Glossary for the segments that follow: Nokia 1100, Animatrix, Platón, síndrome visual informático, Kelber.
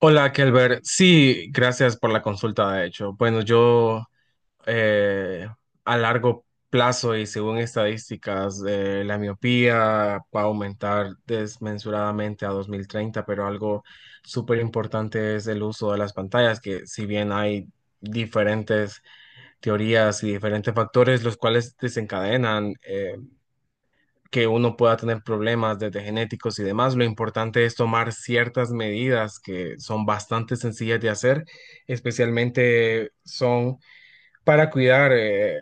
Hola, Kelber. Sí, gracias por la consulta, de hecho. Bueno, yo eh, a largo plazo y según estadísticas, la miopía va a aumentar desmesuradamente a 2030, pero algo súper importante es el uso de las pantallas, que si bien hay diferentes teorías y diferentes factores los cuales desencadenan que uno pueda tener problemas desde genéticos y demás. Lo importante es tomar ciertas medidas que son bastante sencillas de hacer, especialmente son para cuidar,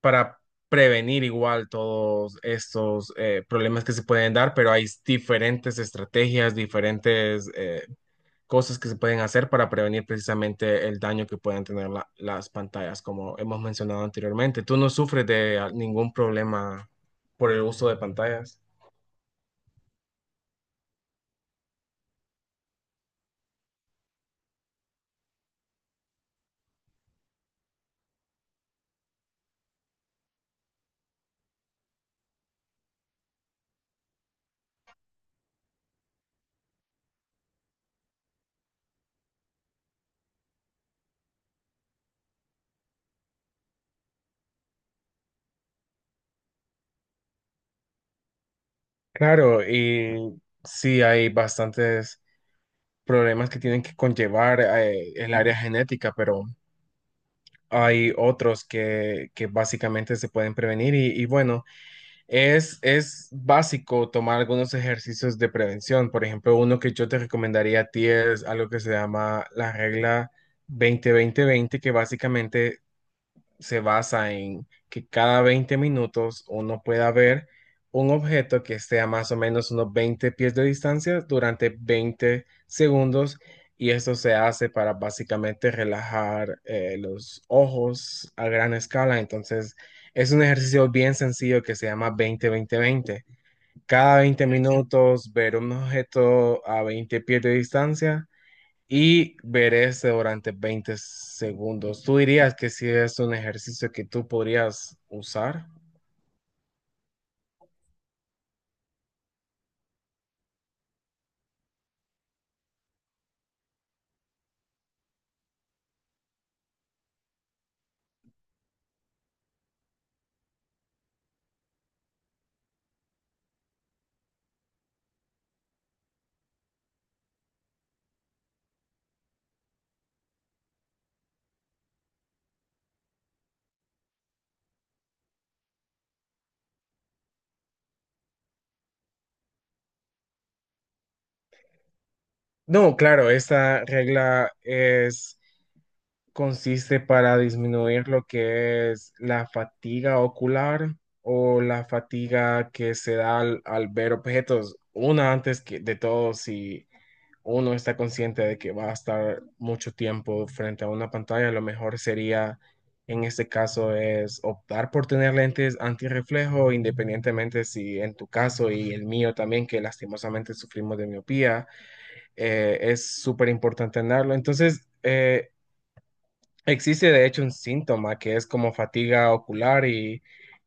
para prevenir igual todos estos problemas que se pueden dar, pero hay diferentes estrategias, diferentes cosas que se pueden hacer para prevenir precisamente el daño que puedan tener las pantallas, como hemos mencionado anteriormente. ¿Tú no sufres de ningún problema por el uso de pantallas? Claro, y sí hay bastantes problemas que tienen que conllevar el área genética, pero hay otros que básicamente se pueden prevenir y bueno, es básico tomar algunos ejercicios de prevención. Por ejemplo, uno que yo te recomendaría a ti es algo que se llama la regla 20-20-20, que básicamente se basa en que cada 20 minutos uno pueda ver un objeto que esté a más o menos unos 20 pies de distancia durante 20 segundos, y esto se hace para básicamente relajar los ojos a gran escala. Entonces es un ejercicio bien sencillo que se llama 20-20-20. Cada 20 minutos ver un objeto a 20 pies de distancia y verese durante 20 segundos. ¿Tú dirías que si es un ejercicio que tú podrías usar? No, claro, esta regla es, consiste para disminuir lo que es la fatiga ocular o la fatiga que se da al ver objetos. Una antes que de todo, si uno está consciente de que va a estar mucho tiempo frente a una pantalla, lo mejor sería, en este caso, es optar por tener lentes antirreflejo, independientemente si en tu caso y el mío también, que lastimosamente sufrimos de miopía, es súper importante tenerlo. Entonces, existe de hecho un síntoma que es como fatiga ocular y,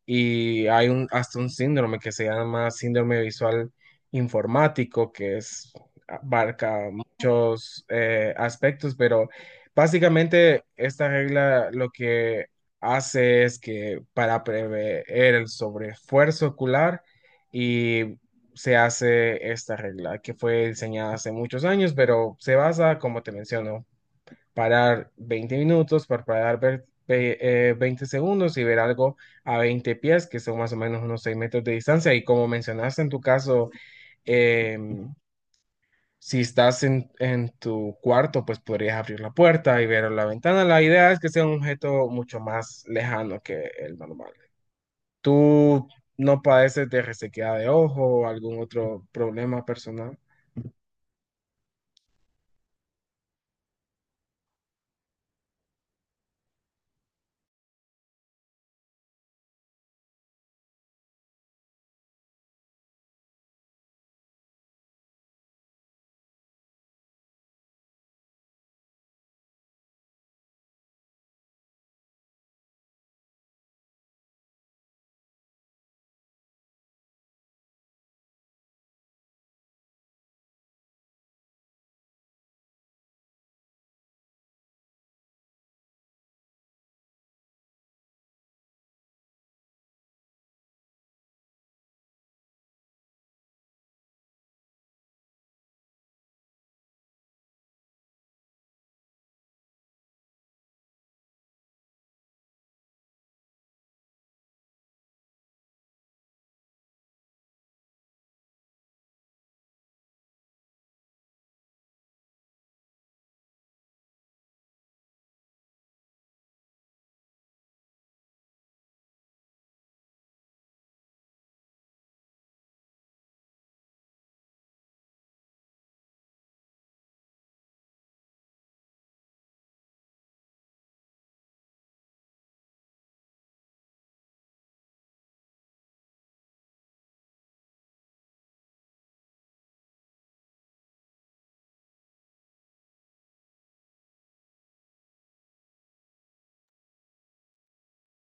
y hay hasta un síndrome que se llama síndrome visual informático, que es, abarca muchos aspectos, pero básicamente esta regla lo que hace es que para prever el sobreesfuerzo ocular, y se hace esta regla que fue diseñada hace muchos años, pero se basa, como te menciono, parar 20 minutos, parpadear 20 segundos y ver algo a 20 pies, que son más o menos unos 6 metros de distancia. Y como mencionaste en tu caso, em, si estás en tu cuarto, pues podrías abrir la puerta y ver la ventana. La idea es que sea un objeto mucho más lejano que el normal. ¿Tú no padeces de resequedad de ojo o algún otro problema personal?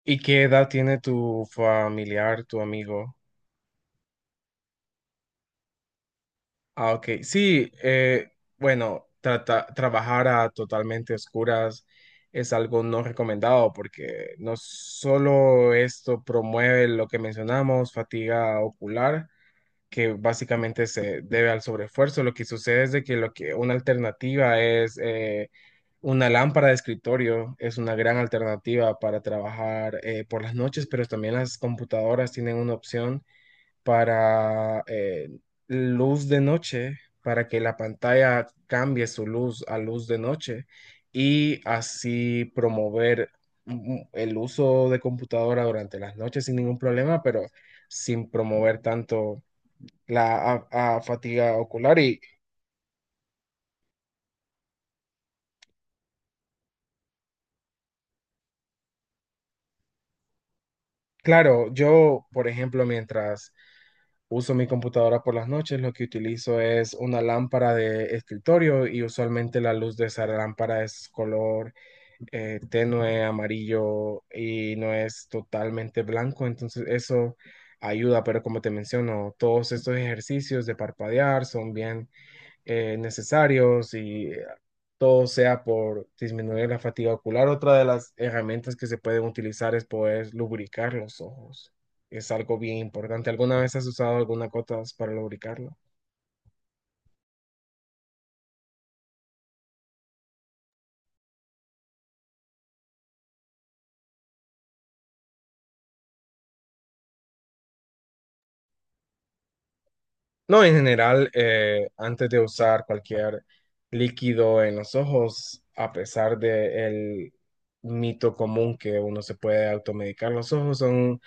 ¿Y qué edad tiene tu familiar, tu amigo? Ah, ok. Sí, bueno, trabajar a totalmente oscuras es algo no recomendado porque no solo esto promueve lo que mencionamos, fatiga ocular, que básicamente se debe al sobreesfuerzo. Lo que sucede es de que, lo que una alternativa es, una lámpara de escritorio es una gran alternativa para trabajar por las noches, pero también las computadoras tienen una opción para luz de noche, para que la pantalla cambie su luz a luz de noche y así promover, el uso de computadora durante las noches sin ningún problema, pero sin promover tanto la a fatiga ocular. Y claro, yo, por ejemplo, uso mi computadora por las noches, lo que utilizo es una lámpara de escritorio, y usualmente la luz de esa lámpara es color tenue amarillo y no es totalmente blanco, entonces eso ayuda, pero como te menciono, todos estos ejercicios de parpadear son bien necesarios y todo sea por disminuir la fatiga ocular. Otra de las herramientas que se pueden utilizar es poder lubricar los ojos. Es algo bien importante. ¿Alguna vez has usado alguna cosa para lubricarlo? No, en general, antes de usar cualquier líquido en los ojos, a pesar del mito común que uno se puede automedicar, los ojos son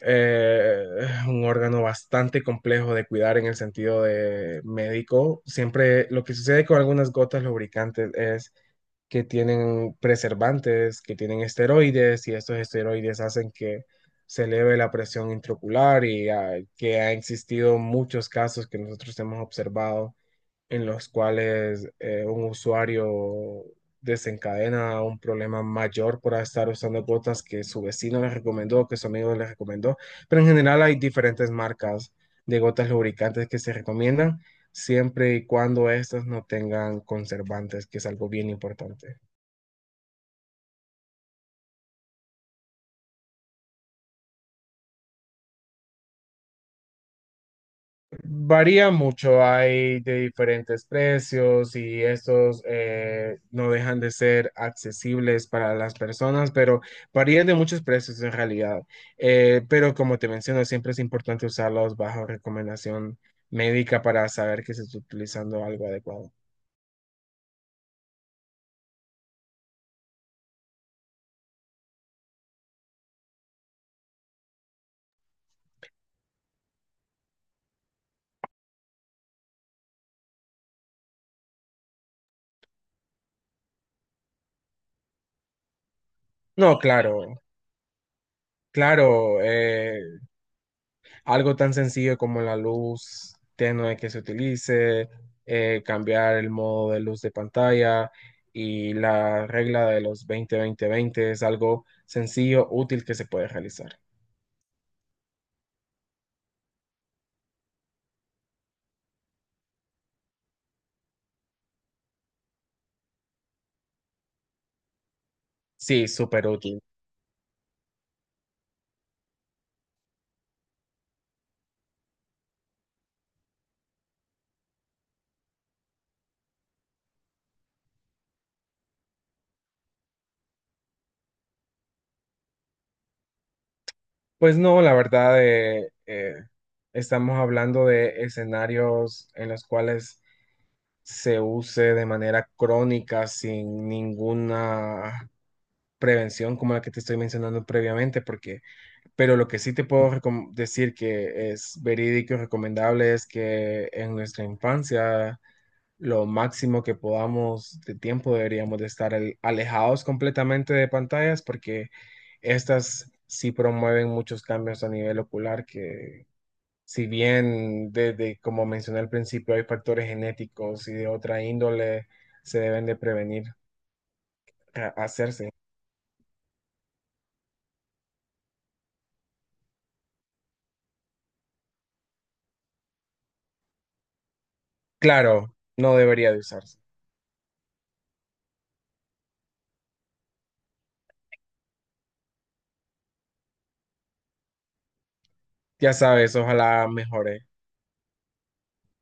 eh, un órgano bastante complejo de cuidar en el sentido de médico. Siempre lo que sucede con algunas gotas lubricantes es que tienen preservantes, que tienen esteroides, y estos esteroides hacen que se eleve la presión intraocular, y que ha existido muchos casos que nosotros hemos observado, en los cuales un usuario desencadena un problema mayor por estar usando gotas que su vecino le recomendó, que su amigo le recomendó. Pero en general hay diferentes marcas de gotas lubricantes que se recomiendan siempre y cuando estas no tengan conservantes, que es algo bien importante. Varía mucho, hay de diferentes precios y estos no dejan de ser accesibles para las personas, pero varían de muchos precios en realidad. Pero como te menciono, siempre es importante usarlos bajo recomendación médica para saber que se está utilizando algo adecuado. No, claro, claro, algo tan sencillo como la luz tenue que se utilice, cambiar el modo de luz de pantalla y la regla de los 20-20-20 es algo sencillo, útil, que se puede realizar. Sí, súper útil. Pues no, la verdad, estamos hablando de escenarios en los cuales se use de manera crónica sin ninguna prevención como la que te estoy mencionando previamente. Porque Pero lo que sí te puedo decir que es verídico y recomendable es que en nuestra infancia lo máximo que podamos de tiempo deberíamos de estar alejados completamente de pantallas, porque estas sí promueven muchos cambios a nivel ocular que, si bien desde, como mencioné al principio, hay factores genéticos y de otra índole, se deben de prevenir hacerse. Claro, no debería de usarse. Ya sabes, ojalá mejore.